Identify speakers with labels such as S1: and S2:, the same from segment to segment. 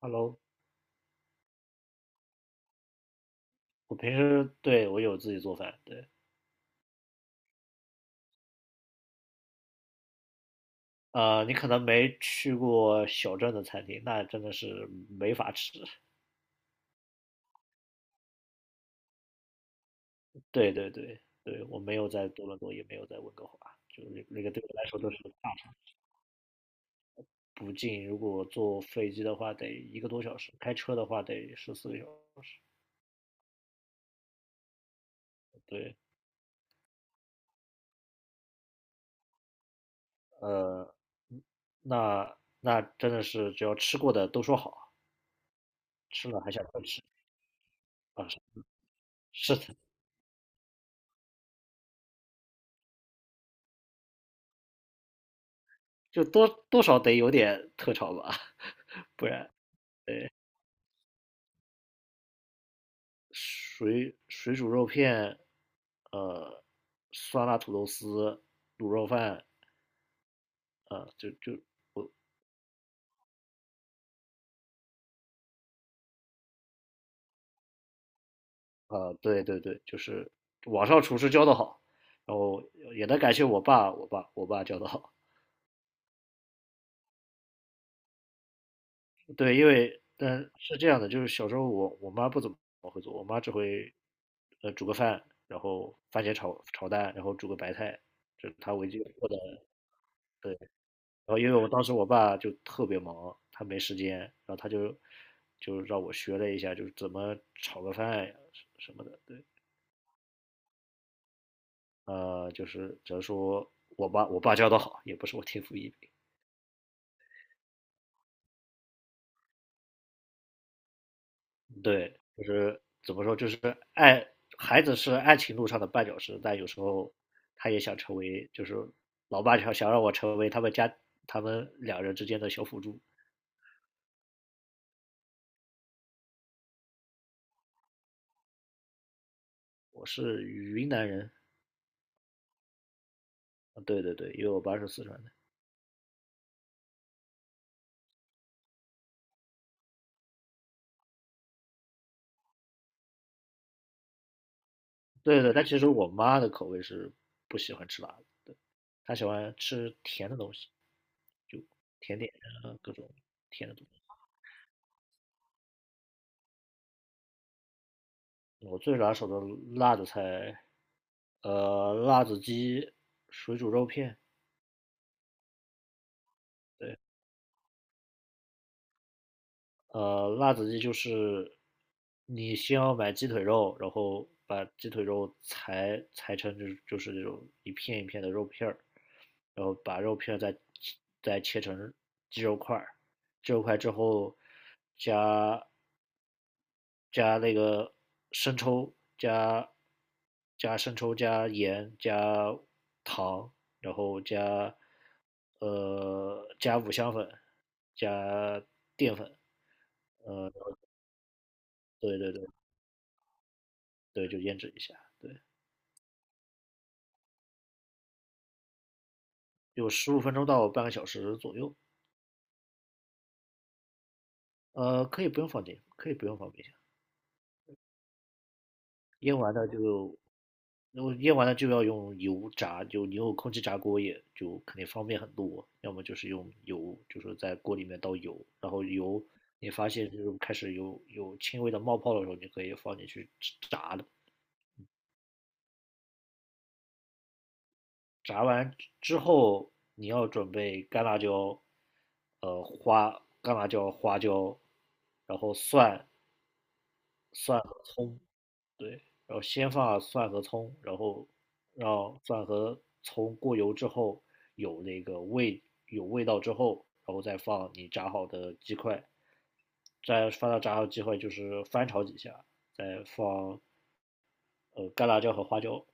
S1: Hello，我平时对我有自己做饭，对。你可能没去过小镇的餐厅，那真的是没法吃。对对对对，我没有在多伦多，也没有在温哥华，就是那个对我来说都是个大城市。不近。如果坐飞机的话，得一个多小时；开车的话，得14个小时。对。呃，那那真的是只要吃过的都说好，吃了还想再吃。啊，是的。就多多少得有点特长吧，不然。水煮肉片，呃，酸辣土豆丝、卤肉饭。啊，就就啊，对对对，就是网上厨师教的好，然后也得感谢我爸，我爸教的好。对，因为但是这样的，就是小时候我妈不怎么会做，我妈只会煮个饭，然后番茄炒蛋，然后煮个白菜，这是她唯一做的。对。然后因为我当时我爸就特别忙，他没时间，然后他就让我学了一下，就是怎么炒个饭呀什么的。对。就是只能说我爸教的好，也不是我天赋异禀。对，就是怎么说，就是爱孩子是爱情路上的绊脚石，但有时候他也想成为，就是老爸想让我成为他们家他们两人之间的小辅助。我是云南人。啊，对对对，因为我爸是四川的。对对，但其实我妈的口味是不喜欢吃辣的。对，她喜欢吃甜的东西，甜点啊，各种甜的东西。我最拿手的辣的菜，辣子鸡、水煮肉片。对。辣子鸡就是你先要买鸡腿肉，然后把鸡腿肉裁成就是那种一片一片的肉片儿，然后把肉片儿再切成鸡肉块儿，鸡肉块之后加加那个生抽，加生抽，加盐，加糖，然后加五香粉，加淀粉。对对对对，就腌制一下。对。有15分钟到半个小时左右。可以不用放进，可以不用放冰箱。腌完了就然后腌完了就要用油炸，就你用空气炸锅也就肯定方便很多。要么就是用油，就是在锅里面倒油，然后油你发现就是开始有轻微的冒泡的时候，你可以放进去炸的。炸完之后，你要准备干辣椒，干辣椒、花椒，然后蒜和葱。对。然后先放蒜和葱，然后让蒜和葱过油之后有那个味有味道之后，然后再放你炸好的鸡块，再放到炸好鸡块就是翻炒几下，再放干辣椒和花椒。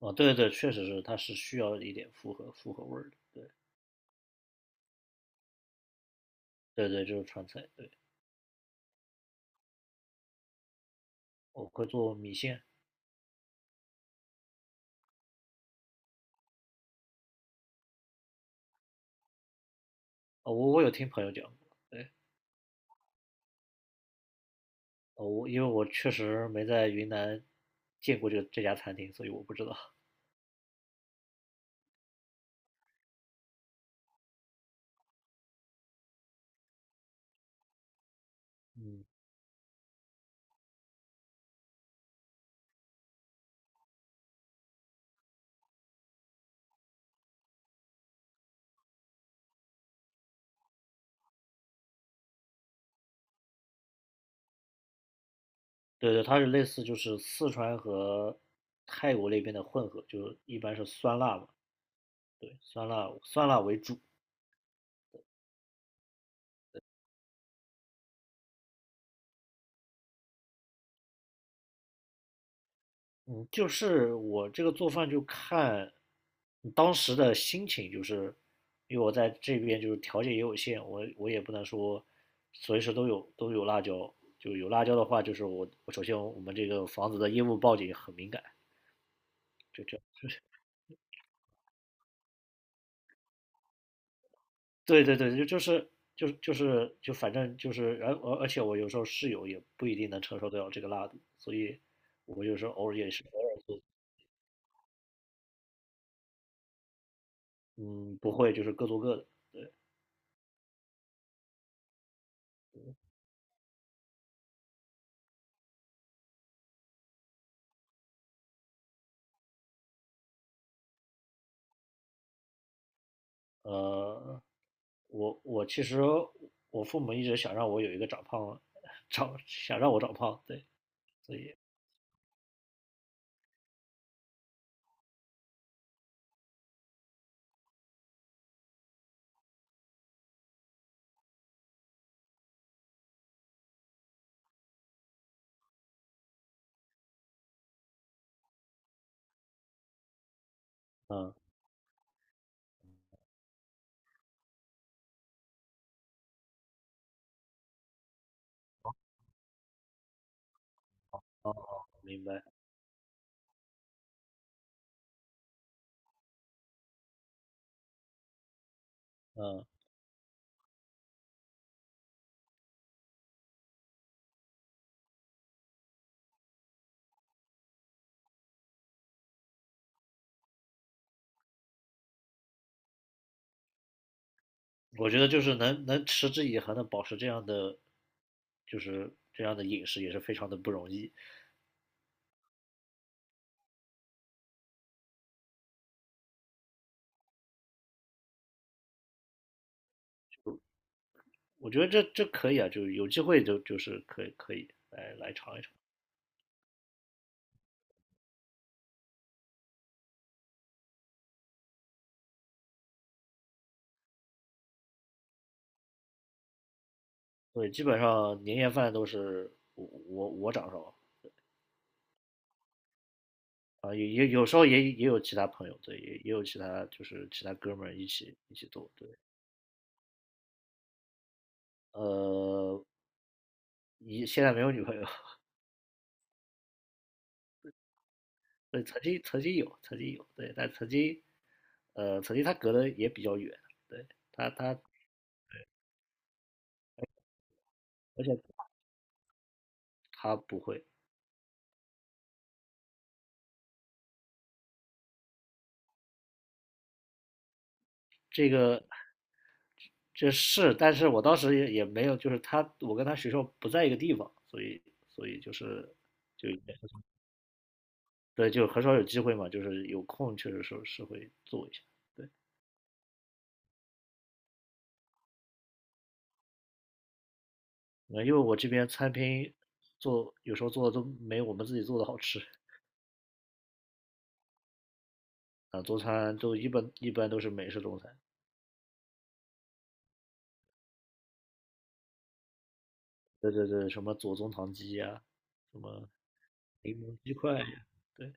S1: 啊，对对对，确实是，它是需要一点复合味儿的。对对对，就是川菜。对。我会做米线。啊，我有听朋友讲过。对。哦，我因为我确实没在云南见过这家餐厅，所以我不知道。嗯。对对，它是类似就是四川和泰国那边的混合，就是一般是酸辣嘛。对，酸辣酸辣为主。嗯，就是我这个做饭就看当时的心情，就是因为我在这边就是条件也有限，我也不能说随时都有辣椒，就有辣椒的话，就是我首先我们这个房子的烟雾报警很敏感，就这。对对对，就就是就是就是就反正就是，而且我有时候室友也不一定能承受得了这个辣度，所以我有时候偶尔也是偶尔做。嗯，不会就是各做各的。呃，我其实我父母一直想让我有一个长胖，想让我长胖。对，所以嗯，明白，嗯，我觉得就是能持之以恒的保持这样的，就是这样的饮食也是非常的不容易。我觉得这可以啊，就有机会就是可以来尝一尝。对，基本上年夜饭都是我掌勺。啊，也有时候也有其他朋友。对，也有其他就是其他哥们儿一起做。对。呃，现在没有女朋友。对，曾经有，曾经有。对，但曾经他隔得也比较远。对，他，而且他不会这个这是，但是我当时也没有，就是他，我跟他学校不在一个地方，所以就是就对，就很少有机会嘛，就是有空确实是会做一下。对。因为我这边餐厅做有时候做的都没我们自己做的好吃。啊，中餐都一般都是美式中餐。对对对，什么左宗棠鸡呀、什么柠檬鸡块呀。对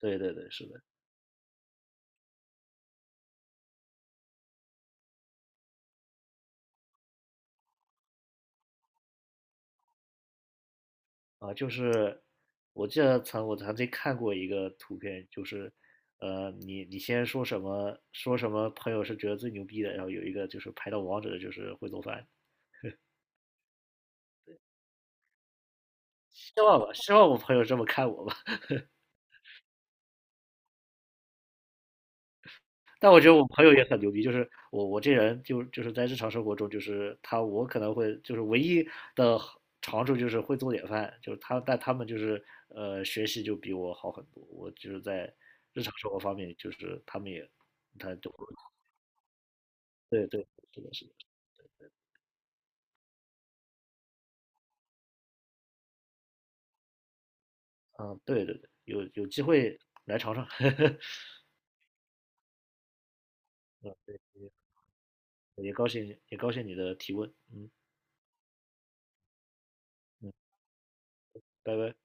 S1: 对对对，是的。啊，就是我记得我曾经看过一个图片，就是你先说什么说什么朋友是觉得最牛逼的，然后有一个就是排到王者的就是会做饭，希望吧，希望我朋友这么看我吧。但我觉得我朋友也很牛逼，就是我这人就是在日常生活中，就是我可能会就是唯一的长处就是会做点饭，就是但他们就是学习就比我好很多，我就是在日常生活方面就是他们也他就对对，是的，是的。啊，对对对，有机会来尝尝，也高兴你的提问。嗯嗯，拜拜。